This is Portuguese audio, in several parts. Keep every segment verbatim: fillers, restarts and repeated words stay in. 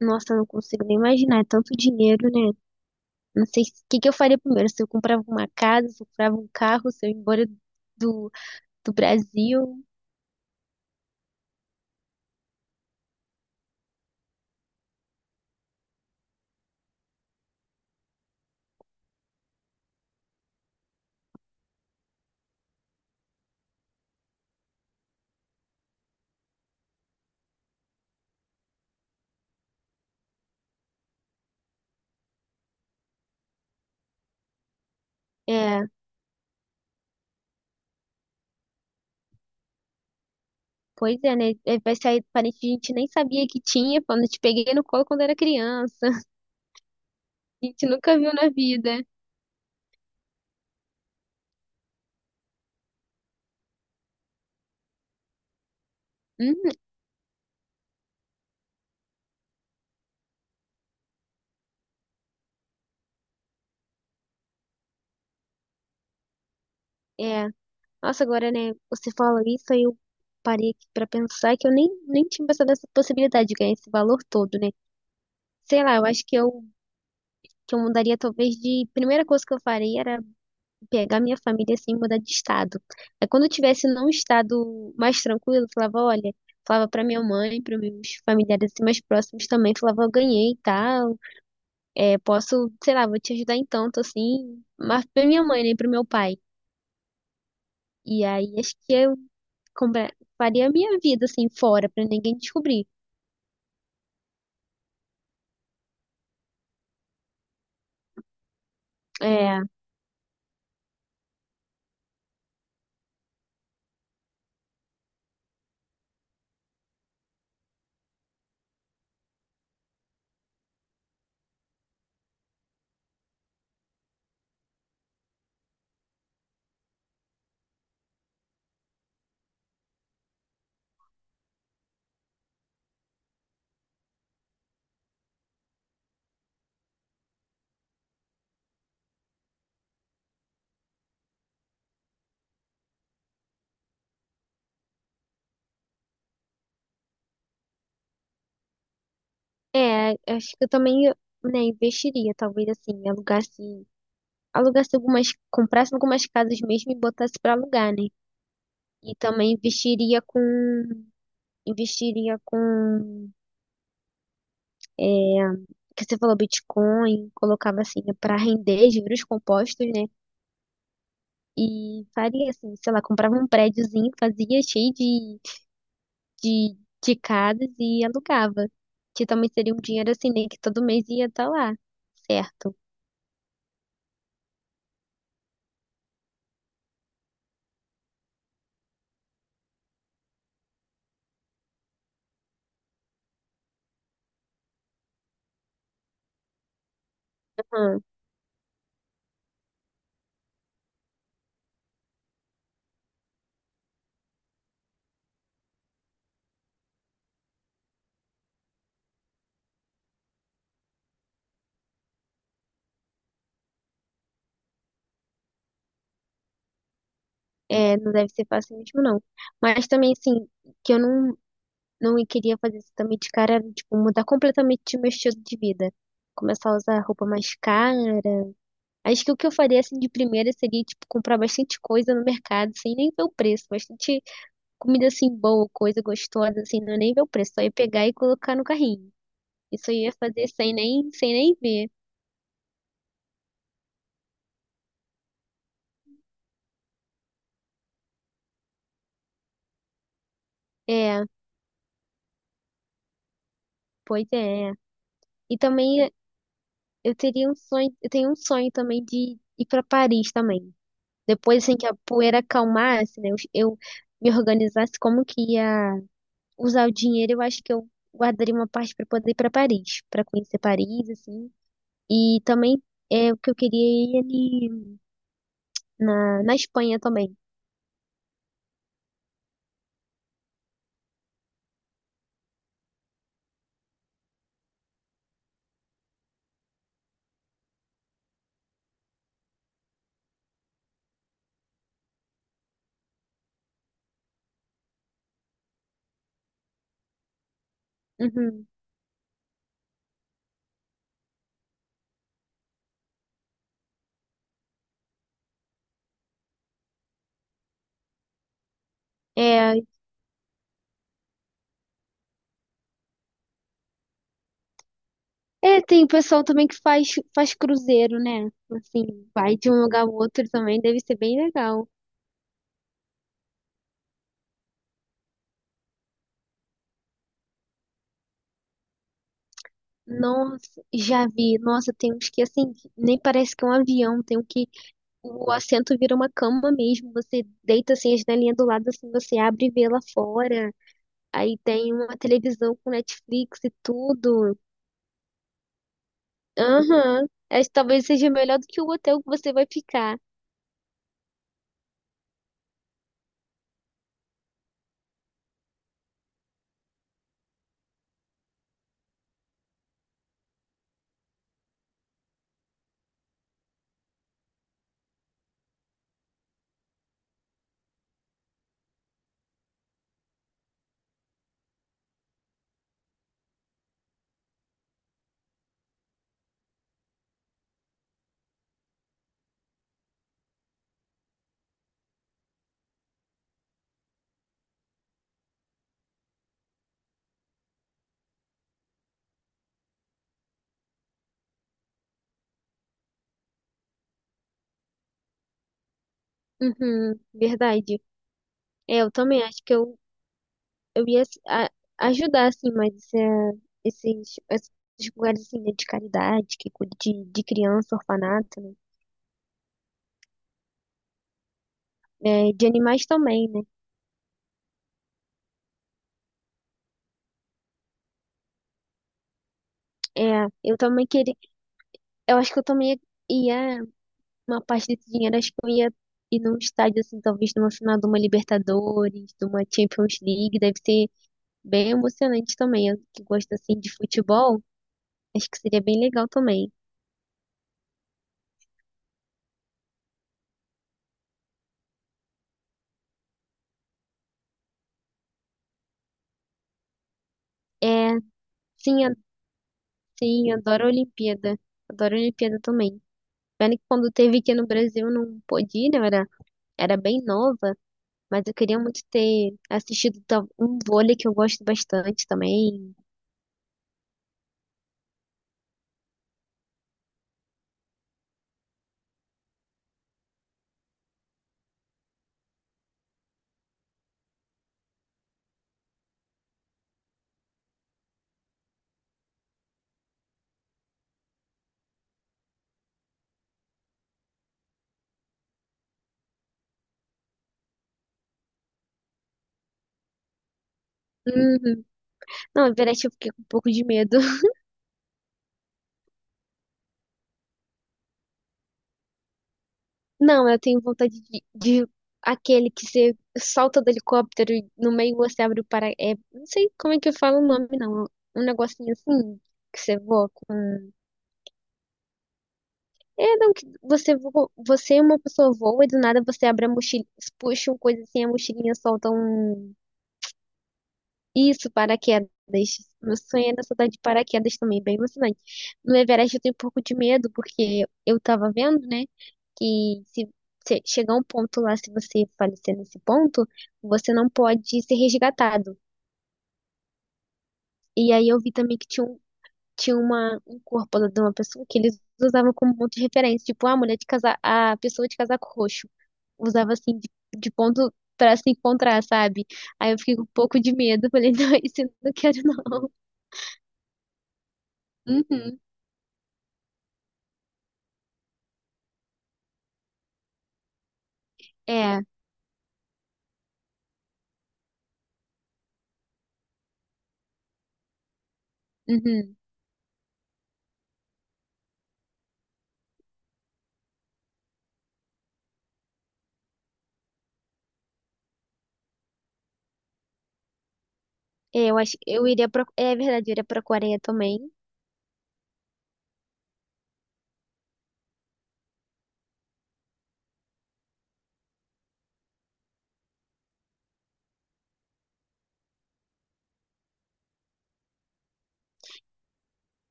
Nossa, eu não consigo nem imaginar, é tanto dinheiro, né? Não sei se- o que que eu faria primeiro, se eu comprava uma casa, se eu comprava um carro, se eu ia embora do, do Brasil. É, pois é, né? É, vai sair parente que a gente nem sabia que tinha, quando eu te peguei no colo quando era criança. A gente nunca viu na vida. Uhum, é. Nossa, agora, né? Você falou isso, aí eu parei aqui pra pensar que eu nem, nem tinha pensado nessa possibilidade de ganhar esse valor todo, né? Sei lá, eu acho que eu, que eu mudaria talvez de... Primeira coisa que eu faria era pegar minha família assim e mudar de estado. Aí quando eu tivesse num estado mais tranquilo, eu falava, olha, falava pra minha mãe, para meus familiares assim, mais próximos também, falava, eu ganhei e tal, é, posso, sei lá, vou te ajudar em tanto assim, mas pra minha mãe, nem né, pro meu pai. E aí acho que eu compra- faria a minha vida assim fora pra ninguém descobrir. É, é, acho que eu também, né, investiria, talvez assim, alugasse, alugasse algumas, comprasse algumas casas mesmo e botasse pra alugar, né? E também investiria com, investiria com, é, que você falou Bitcoin, colocava assim para render juros compostos, né? E faria assim, sei lá, comprava um prédiozinho, fazia cheio de, de, de casas e alugava. Que também seria um dinheiro assim, né? Que todo mês ia estar lá, certo? Aham. É, não deve ser fácil mesmo, não. Mas também, assim, que eu não, não queria fazer isso também de cara, era, tipo, mudar completamente meu estilo de vida. Começar a usar roupa mais cara. Acho que o que eu faria, assim, de primeira seria, tipo, comprar bastante coisa no mercado, sem nem ver o preço. Bastante comida, assim, boa, coisa gostosa, assim, não é nem ver o preço. Só ia pegar e colocar no carrinho. Isso eu ia fazer sem nem, sem nem ver. É, pois é. E também eu teria um sonho, eu tenho um sonho também de ir para Paris também. Depois, assim, que a poeira acalmasse, né? Eu, eu me organizasse como que ia usar o dinheiro, eu acho que eu guardaria uma parte para poder ir para Paris, para conhecer Paris, assim. E também é o que eu queria é ir ali na, na Espanha também. Uhum. É, é, tem pessoal também que faz, faz cruzeiro, né? Assim, vai de um lugar ao outro também, deve ser bem legal. Nossa, já vi. Nossa, tem uns que assim, nem parece que é um avião, tem um que o assento vira uma cama mesmo. Você deita assim a janelinha do lado, assim você abre e vê lá fora. Aí tem uma televisão com Netflix e tudo. Aham. Acho que talvez seja melhor do que o hotel que você vai ficar. Uhum, verdade. É, eu também acho que eu, eu ia assim, a- ajudar, assim, mas é, esses, esses lugares assim, né, de caridade, que cuida de, de criança, orfanato, né? É, de animais também, né? É, eu também queria. Eu acho que eu também ia, uma parte desse dinheiro acho que eu ia ir num estádio, assim, talvez numa final de uma Libertadores, de uma Champions League, deve ser bem emocionante também. Eu que gosto, assim, de futebol, acho que seria bem legal também. É, sim, a- sim, adoro a Olimpíada, adoro a Olimpíada também. Pena que quando teve aqui no Brasil eu não pude ir, né? Eu era, era bem nova, mas eu queria muito ter assistido tal- um vôlei que eu gosto bastante também. Uhum. Não, na verdade eu fiquei com um pouco de medo. Não, eu tenho vontade de, de aquele que você salta do helicóptero e no meio você abre o para... É, não sei como é que eu falo o nome, não. Um negocinho assim, que você voa com... É, não, que você voa, você é uma pessoa voa e do nada você abre a mochila, puxa uma coisa assim, a mochilinha solta um... Isso, paraquedas. Meu sonho era saltar de paraquedas também, bem emocionante. No Everest eu tenho um pouco de medo, porque eu tava vendo, né, que se, se chegar um ponto lá, se você falecer nesse ponto, você não pode ser resgatado. E aí eu vi também que tinha um, tinha uma, um corpo lá de uma pessoa que eles usavam como ponto de referência, tipo, a mulher de casa, a pessoa de casaco roxo. Usava assim, de, de ponto pra se encontrar, sabe? Aí eu fiquei com um pouco de medo, falei, não, isso eu não quero não. Uhum. É, uhum. É, eu acho, eu iria pro, é verdade, eu iria pra Coreia também.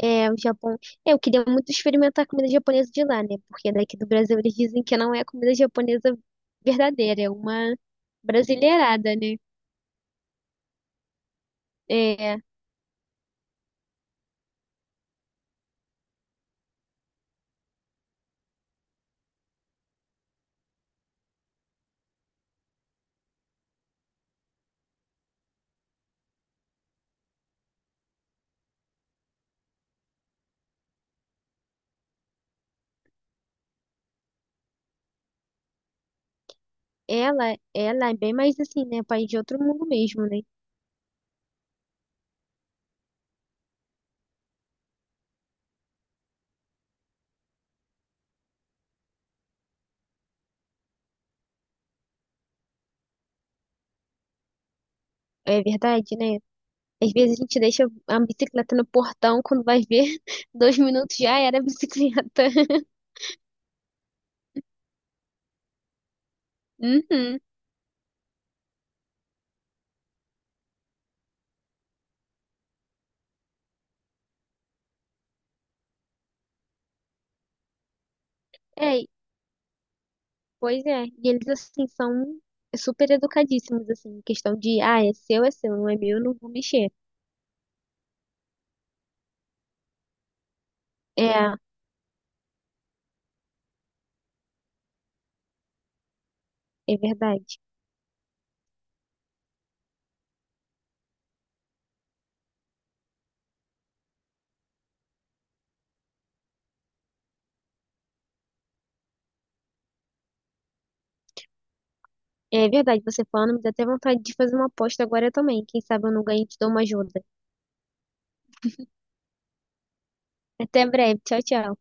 É, o Japão. É, eu queria muito experimentar a comida japonesa de lá, né? Porque daqui do Brasil eles dizem que não é a comida japonesa verdadeira, é uma brasileirada, né? É, ela, ela é bem mais assim, né? País de outro mundo mesmo, né? É verdade, né? Às vezes a gente deixa a bicicleta no portão, quando vai ver, dois minutos já era a bicicleta. Uhum. É, pois é, e eles assim são super educadíssimos assim, em questão de, ah, é seu, é seu, não é meu, eu não vou mexer. É, é verdade. É verdade, você falando, me dá até vontade de fazer uma aposta agora também. Quem sabe eu não ganho e te dou uma ajuda. Até breve, tchau, tchau.